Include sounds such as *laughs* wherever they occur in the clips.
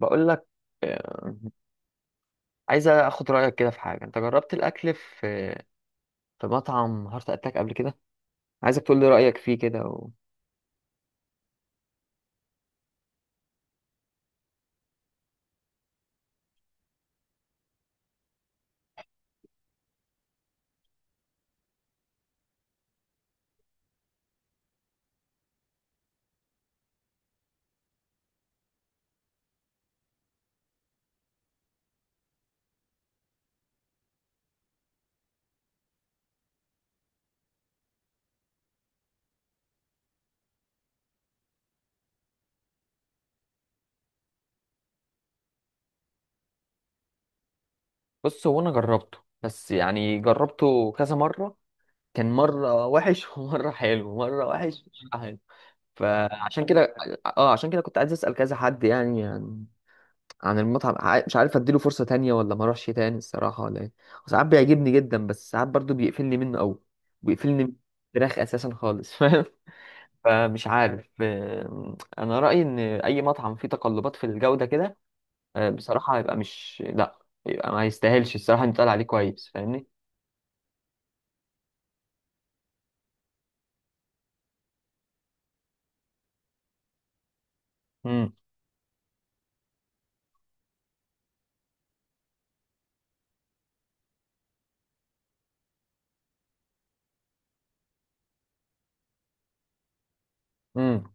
بقول لك. آه، عايز اخد رايك كده في حاجه انت جربت الاكل في مطعم هارت اتاك قبل كده. عايزك تقول لي رايك فيه كده بص، هو انا جربته، بس يعني جربته كذا مره. كان مره وحش *laughs* ومره حلو، مره وحش ومره حلو. فعشان كده، اه عشان كده كنت عايز اسال كذا حد يعني عن عن المطعم. مش عارف اديله فرصه تانية ولا ما اروحش تاني الصراحه ولا ايه. وساعات بيعجبني جدا، بس ساعات برضو بيقفلني منه قوي. بيقفلني من الفراخ اساسا خالص. *laughs* فمش عارف. انا رايي ان اي مطعم فيه تقلبات في الجوده كده، بصراحه هيبقى مش، لا، يبقى ما يستاهلش الصراحه إنه يتقال عليه كويس، فاهمني. امم. امم.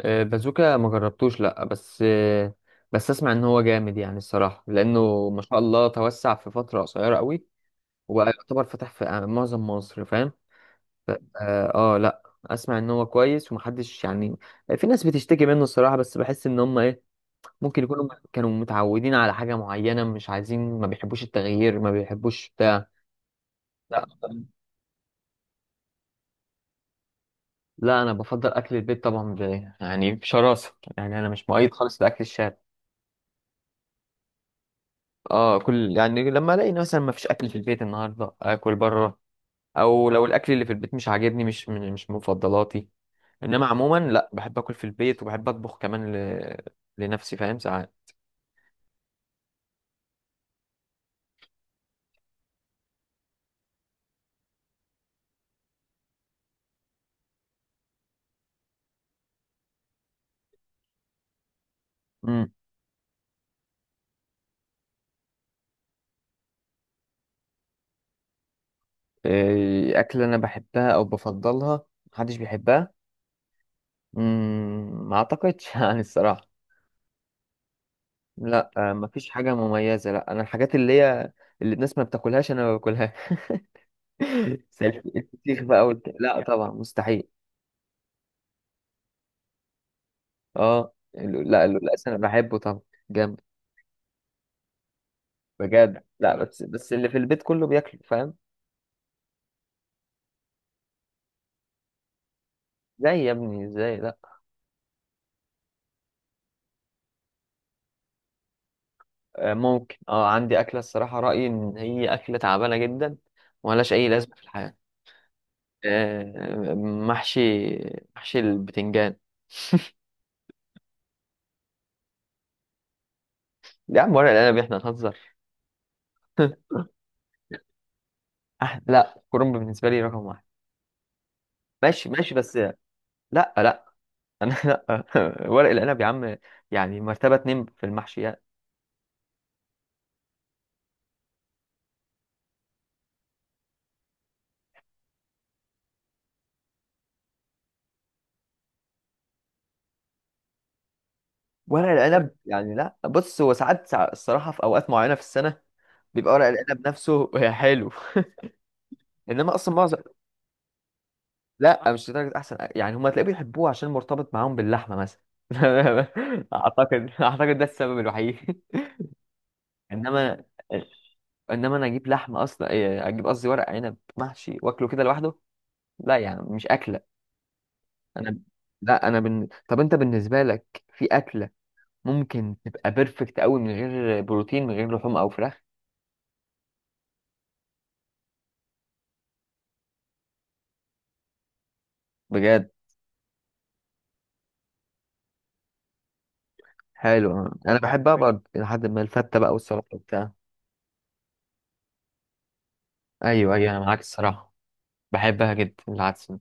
بازوكا ما جربتوش، لا، بس بس اسمع ان هو جامد يعني الصراحه، لانه ما شاء الله توسع في فتره قصيره قوي. وبقى يعتبر فتح في معظم مصر، فاهم؟ لا اسمع ان هو كويس ومحدش يعني، في ناس بتشتكي منه الصراحه، بس بحس ان هم ايه، ممكن يكونوا كانوا متعودين على حاجة معينة، مش عايزين، ما بيحبوش التغيير، ما بيحبوش بتاع. لا، لا، انا بفضل اكل البيت طبعا يعني بشراسة، يعني انا مش مؤيد خالص لاكل الشارع. اه كل يعني لما الاقي مثلا ما فيش اكل في البيت النهارده اكل بره، او لو الاكل اللي في البيت مش عاجبني، مش من مفضلاتي. انما عموما لا، بحب اكل في البيت وبحب اطبخ كمان ل... لنفسي، فاهم؟ ساعات. امم. إيه، اكل انا بحبها او بفضلها محدش بيحبها؟ مم، ما اعتقدش. *laughs* يعني الصراحه لا، ما فيش حاجه مميزه، لا. انا الحاجات اللي هي اللي الناس ما بتاكلهاش انا ما باكلها، *laughs* زي الفسيخ بقى لا طبعا، مستحيل. اه لا، اللؤلؤ انا بحبه طبعا، جامد. بجد، لا، بس اللي في البيت كله بياكله، فاهم؟ زي يا ابني، ازاي لا. ممكن، اه عندي اكله الصراحه رايي ان هي اكله تعبانه جدا وملهاش اي لازمه في الحياه. آه، محشي، محشي البتنجان. يا عم ورق العنب احنا هنهزر؟ *laughs* لا، كرنب بالنسبة لي رقم واحد. ماشي ماشي، بس لا، لا، أنا، *laughs* لا، ورق العنب يا عم يعني مرتبة اتنين في المحشيات. ورق العنب يعني لا، بص هو ساعات الصراحة، في أوقات معينة في السنة بيبقى ورق العنب نفسه *laughs* حلو، إنما أصلا معظم، لا، مش لدرجة أحسن يعني. هما تلاقيه بيحبوه عشان مرتبط معاهم باللحمة مثلا. *laughs* أعتقد ده السبب الوحيد. *laughs* إنما، انا اجيب لحمه اصلا، إيه، اجيب قصدي ورق عنب محشي واكله كده لوحده، لا، يعني مش اكله انا. لا انا بن... طب انت بالنسبه لك في اكله ممكن تبقى بيرفكت قوي من غير بروتين، من غير لحوم او فراخ؟ بجد؟ حلو، انا بحبها برضه لحد ما الفته بقى، والسلطه وبتاع. ايوه ايوه، انا معاك الصراحه. بحبها جدا العدس.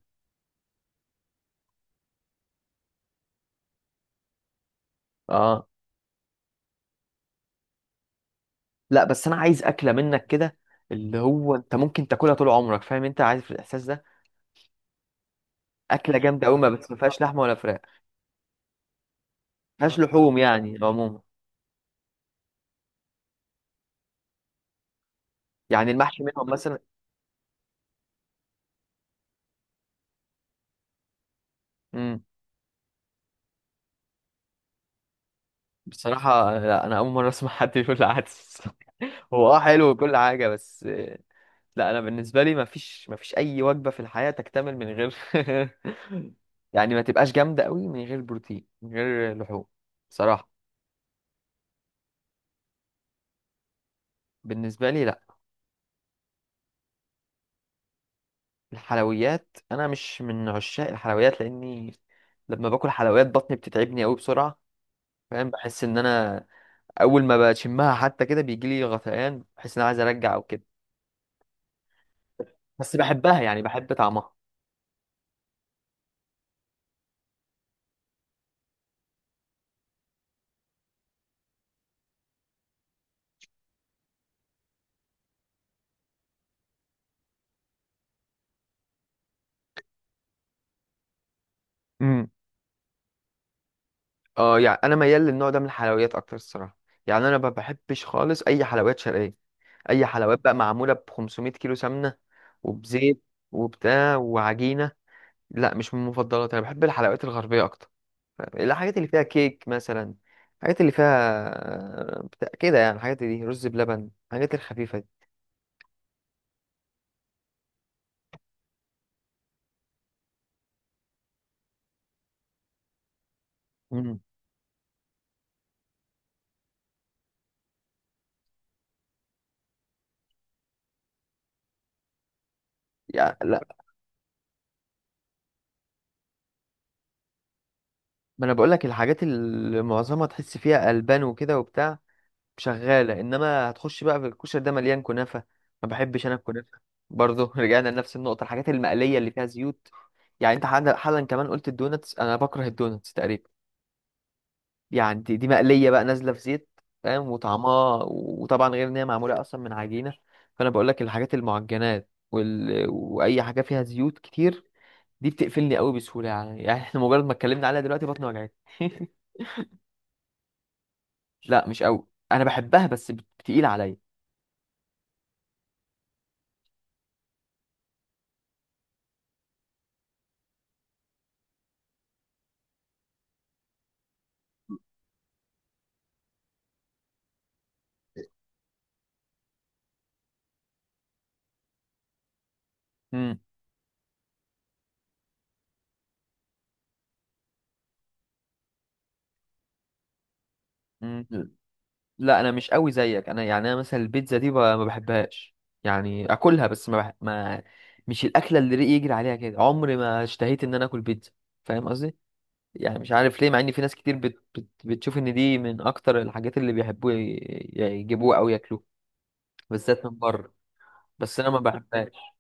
اه. لا، بس انا عايز اكله منك كده اللي هو انت ممكن تاكلها طول عمرك، فاهم؟ انت عارف الاحساس ده. اكله جامده قوي، ما فيهاش لحمه ولا فراخ، ما فيهاش لحوم يعني عموما. يعني المحشي منهم مثلا. إمم. بصراحة لا، أنا أول مرة أسمع حد يقول العدس. *laughs* هو أه حلو وكل حاجة بس، لا، أنا بالنسبة لي مفيش أي وجبة في الحياة تكتمل من غير، *laughs* يعني ما تبقاش جامدة قوي، من غير بروتين، من غير لحوم، بصراحة. بالنسبة لي لا. الحلويات أنا مش من عشاق الحلويات، لأني لما باكل حلويات بطني بتتعبني قوي بسرعة، فاهم؟ بحس إن أنا أول ما بشمها حتى كده بيجيلي غثيان، بحس إن أنا عايز أرجع أو كده، بس بحبها يعني، بحب طعمها. اه يعني انا ميال للنوع ده من الحلويات اكتر الصراحه. يعني انا ما بحبش خالص اي حلويات شرقيه، اي حلويات بقى معموله ب 500 كيلو سمنه وبزيت وبتاع وعجينه، لا، مش من مفضلاتي. انا بحب الحلويات الغربيه اكتر، الحاجات اللي فيها كيك مثلا، الحاجات اللي فيها بتاع كده، يعني الحاجات دي، رز بلبن، الحاجات الخفيفه دي. امم، يعني لا، ما انا بقول لك الحاجات اللي معظمها تحس فيها البان وكده وبتاع شغالة، انما هتخش بقى في الكشري ده مليان كنافة، ما بحبش انا الكنافة برضه. *laughs* رجعنا لنفس النقطة، الحاجات المقلية اللي فيها زيوت. يعني انت حالا، حالاً كمان قلت الدوناتس، انا بكره الدوناتس تقريبا، يعني دي مقلية بقى، نازلة في زيت، فاهم؟ وطعمها، وطبعا غير ان هي معمولة اصلا من عجينة. فانا بقول لك الحاجات المعجنات واي حاجة فيها زيوت كتير دي بتقفلني قوي بسهولة يعني، يعني احنا مجرد ما اتكلمنا عليها دلوقتي بطني وجعتني. *laughs* لا مش قوي، انا بحبها بس بتقيل عليا. امم. لا انا مش قوي زيك، انا يعني انا مثلا البيتزا دي ما بحبهاش، يعني اكلها بس ما، مش الاكله اللي ريقي يجري عليها كده، عمري ما اشتهيت ان انا اكل بيتزا، فاهم قصدي؟ يعني مش عارف ليه، مع ان في ناس كتير بتشوف ان دي من اكتر الحاجات اللي بيحبوا يجيبوها او ياكلوها، بالذات من بره، بس انا ما بحبهاش.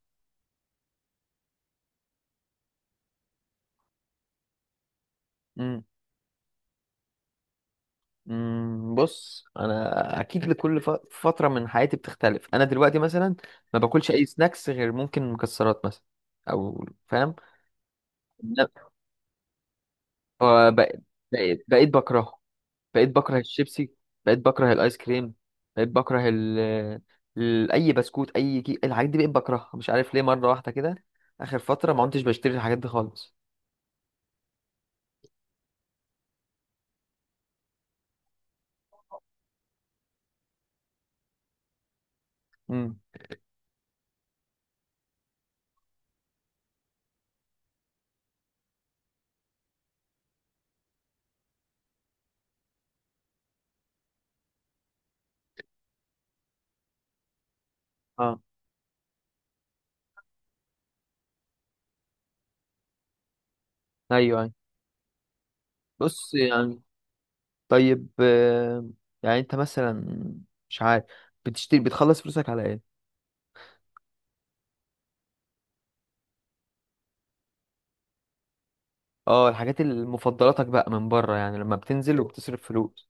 امم. أمم، بص انا اكيد لكل فتره من حياتي بتختلف. انا دلوقتي مثلا ما باكلش اي سناكس، غير ممكن مكسرات مثلا، او فاهم. فبقيت، بقيت بكرهه، بقيت بكره الشيبسي، بقيت بكره الايس كريم، بقيت بكره اي بسكوت، اي الحاجات دي بقيت بكرهها، مش عارف ليه مره واحده كده. اخر فتره ما كنتش بشتري الحاجات دي خالص. امم. اه. ايوه ايوه. بص يعني، طيب يعني انت مثلا، مش عارف، بتشتري، بتخلص فلوسك على ايه؟ اه، الحاجات اللي مفضلاتك بقى من بره يعني لما بتنزل وبتصرف فلوس.